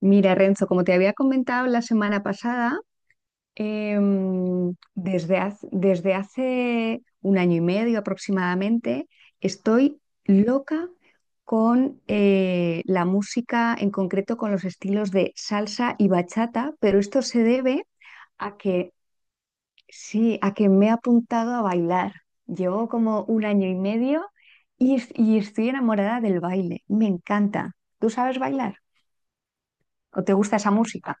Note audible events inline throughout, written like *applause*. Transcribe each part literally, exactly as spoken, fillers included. Mira, Renzo, como te había comentado la semana pasada, em, desde hace, desde hace un año y medio aproximadamente, estoy loca con eh, la música, en concreto con los estilos de salsa y bachata, pero esto se debe a que sí, a que me he apuntado a bailar. Llevo como un año y medio y, es- y estoy enamorada del baile. Me encanta. ¿Tú sabes bailar? ¿O te gusta esa música?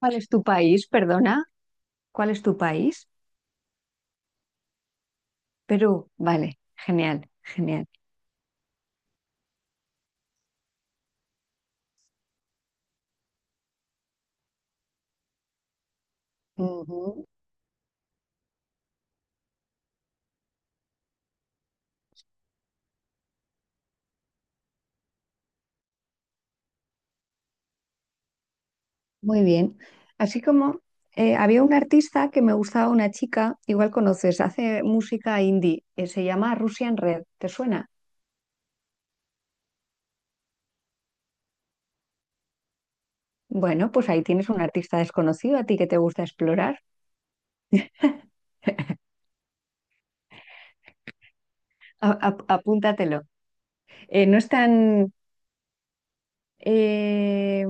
¿Cuál es tu país? Perdona, ¿cuál es tu país? Perú, vale, genial, genial. Ujú, muy bien. Así como eh, había un artista que me gustaba, una chica, igual conoces, hace música indie, eh, se llama Russian Red, ¿te suena? Bueno, pues ahí tienes un artista desconocido a ti que te gusta explorar. *laughs* A- a- apúntatelo. Eh, no es tan Eh,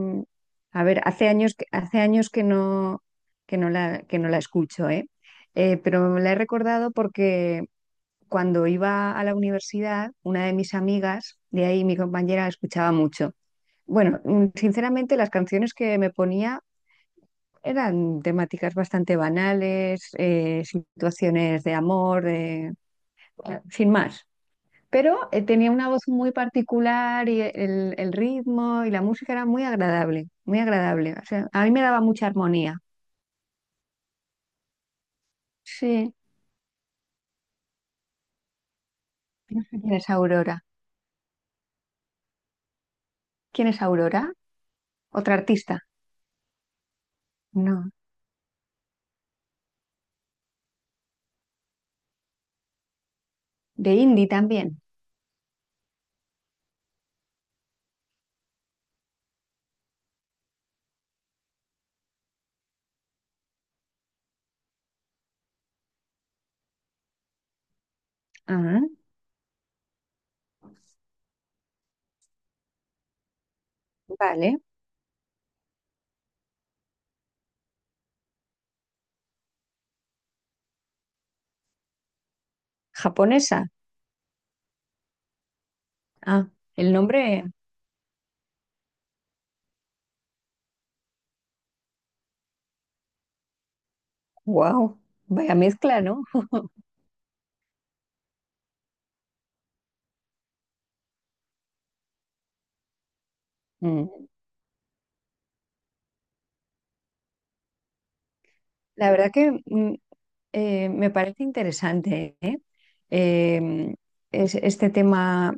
a ver, hace años, que- hace años que no, que no la, que no la escucho, ¿eh? Eh, pero la he recordado porque cuando iba a la universidad, una de mis amigas, de ahí mi compañera, la escuchaba mucho. Bueno, mm, sinceramente las canciones que me ponía eran temáticas bastante banales, eh, situaciones de amor, de- eh, sin más. Pero eh, tenía una voz muy particular y el, el ritmo y la música era muy agradable, muy agradable. O sea, a mí me daba mucha armonía. Sí, no sé quién es Aurora. ¿Quién es Aurora? ¿Otra artista? No. De indie también. Ah, vale. Japonesa. Ah, el nombre, wow, vaya mezcla, ¿no? Mm. La verdad que mm, eh, me parece interesante, ¿eh? Eh, es, este tema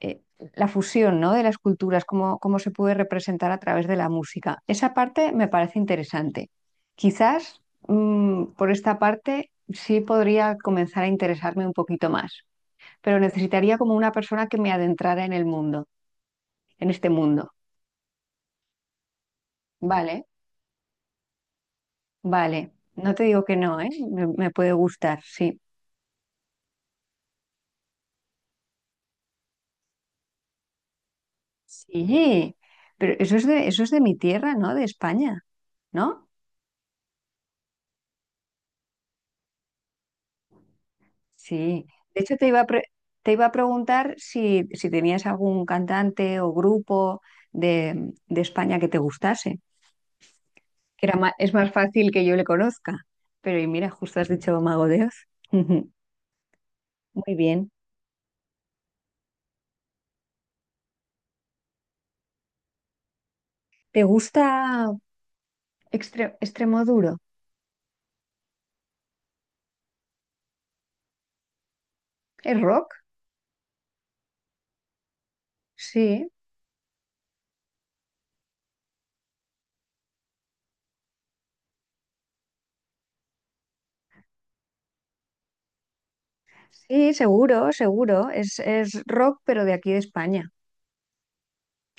eh, la fusión, ¿no?, de las culturas, cómo, cómo se puede representar a través de la música. Esa parte me parece interesante. Quizás mm, por esta parte sí podría comenzar a interesarme un poquito más, pero necesitaría como una persona que me adentrara en el mundo, en este mundo. Vale, vale. No te digo que no, ¿eh? Me, me puede gustar, sí. Sí, pero eso es de, eso es de mi tierra, ¿no? De España, ¿no? Sí, de hecho te iba a, pre- te iba a preguntar si, si tenías algún cantante o grupo de, de España que te gustase, que era ma- es más fácil que yo le conozca. Pero y mira, justo has dicho Mago de Oz. *laughs* Muy bien. ¿Te gusta Extre- Extremoduro? ¿Es rock? Sí, sí, seguro, seguro. Es, es rock, pero de aquí de España.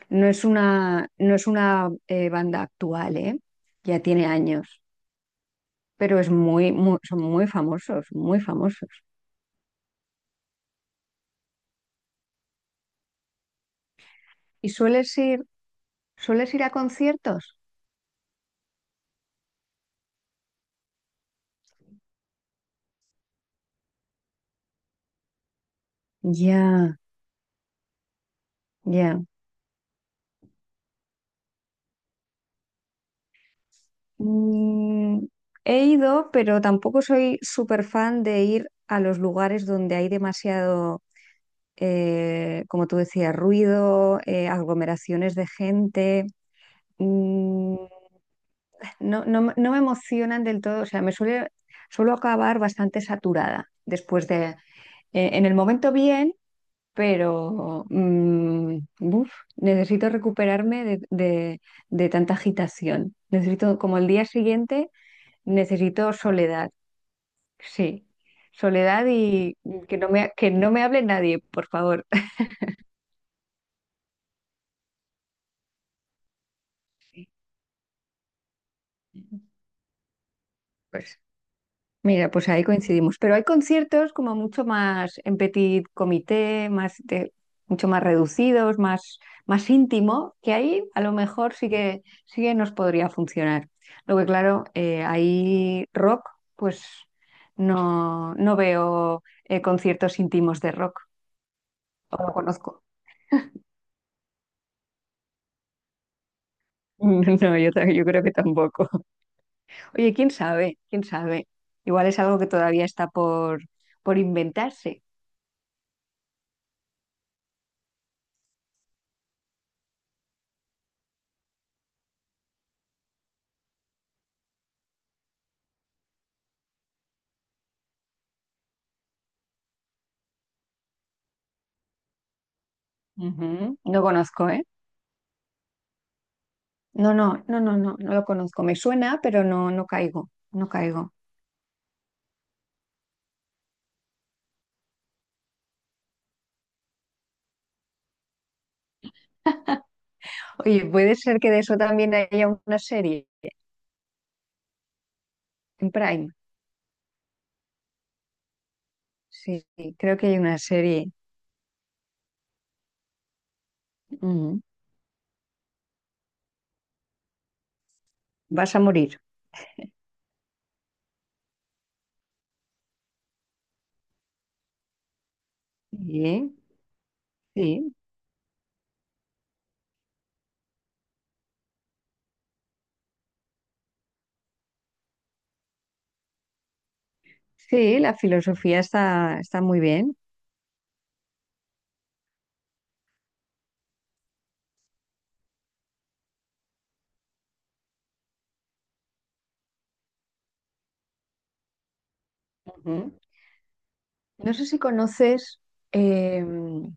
No es una, no es una eh, banda actual, ¿eh? Ya tiene años. Pero es muy, muy- son muy famosos, muy famosos. ¿Y sueles ir, sueles ir a conciertos? Ya, ya. Mm, he ido, pero tampoco soy súper fan de ir a los lugares donde hay demasiado, eh, como tú decías, ruido, eh, aglomeraciones de gente. Mm, no, no me no me emocionan del todo, o sea, me suele, suelo acabar bastante saturada después de... Eh, en el momento bien, pero mm, buf, necesito recuperarme de, de- de tanta agitación. Necesito, como el día siguiente, necesito soledad, sí, soledad y que no me, que no me hable nadie, por favor. *laughs* Pues Mira, pues ahí coincidimos. Pero hay conciertos como mucho más en petit comité, más de- mucho más reducidos, más, más íntimo, que ahí a lo mejor sí que, sí que nos podría funcionar. Lo que claro, eh, ahí rock, pues no, no veo eh, conciertos íntimos de rock, o no conozco. *laughs* No, yo, ta- yo creo que tampoco. Oye, quién sabe, quién sabe. Igual es algo que todavía está por, por inventarse. Ujú. No conozco, ¿eh? No, no, no, no, no, no lo conozco. Me suena, pero no, no caigo, no caigo. Oye, puede ser que de eso también haya una serie en Prime. Sí, sí, creo que hay una serie. Ujú. Vas a morir. Sí, sí, sí, la filosofía está, está muy bien. Ujú. No sé si conoces, eh, no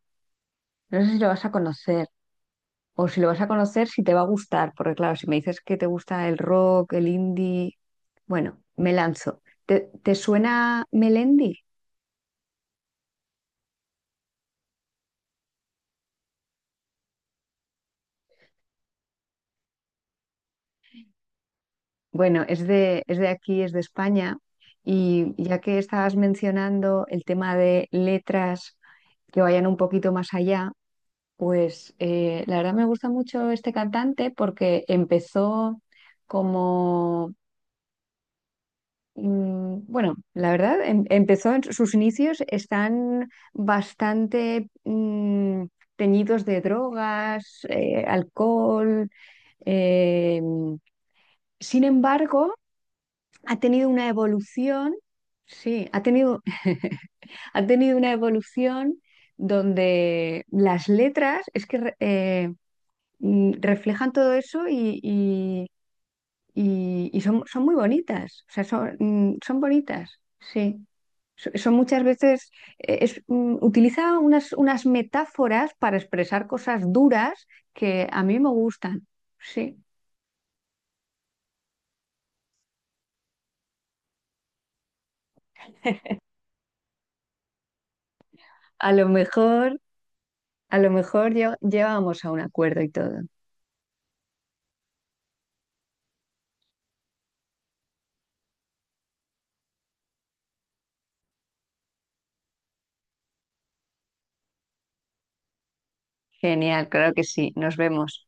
sé si lo vas a conocer, o si lo vas a conocer, si te va a gustar, porque claro, si me dices que te gusta el rock, el indie, bueno, me lanzo. ¿Te, te suena Melendi? Bueno, es de, es de aquí, es de España, y ya que estabas mencionando el tema de letras que vayan un poquito más allá, pues eh, la verdad me gusta mucho este cantante porque empezó como, mm, bueno, la verdad, em- empezó, en sus inicios están bastante mm, teñidos de drogas, eh, alcohol. eh, Sin embargo, ha tenido una evolución, sí, ha tenido, *laughs* ha tenido una evolución donde las letras es que re- eh, mm, reflejan todo eso y, y- y- y son, son muy bonitas, o sea, son, mm, son bonitas, sí. So- Son muchas veces, eh, es, mm, utiliza unas, unas metáforas para expresar cosas duras que a mí me gustan, sí. A lo mejor, a lo mejor lle- llegábamos a un acuerdo y todo. Genial, claro que sí. Nos vemos.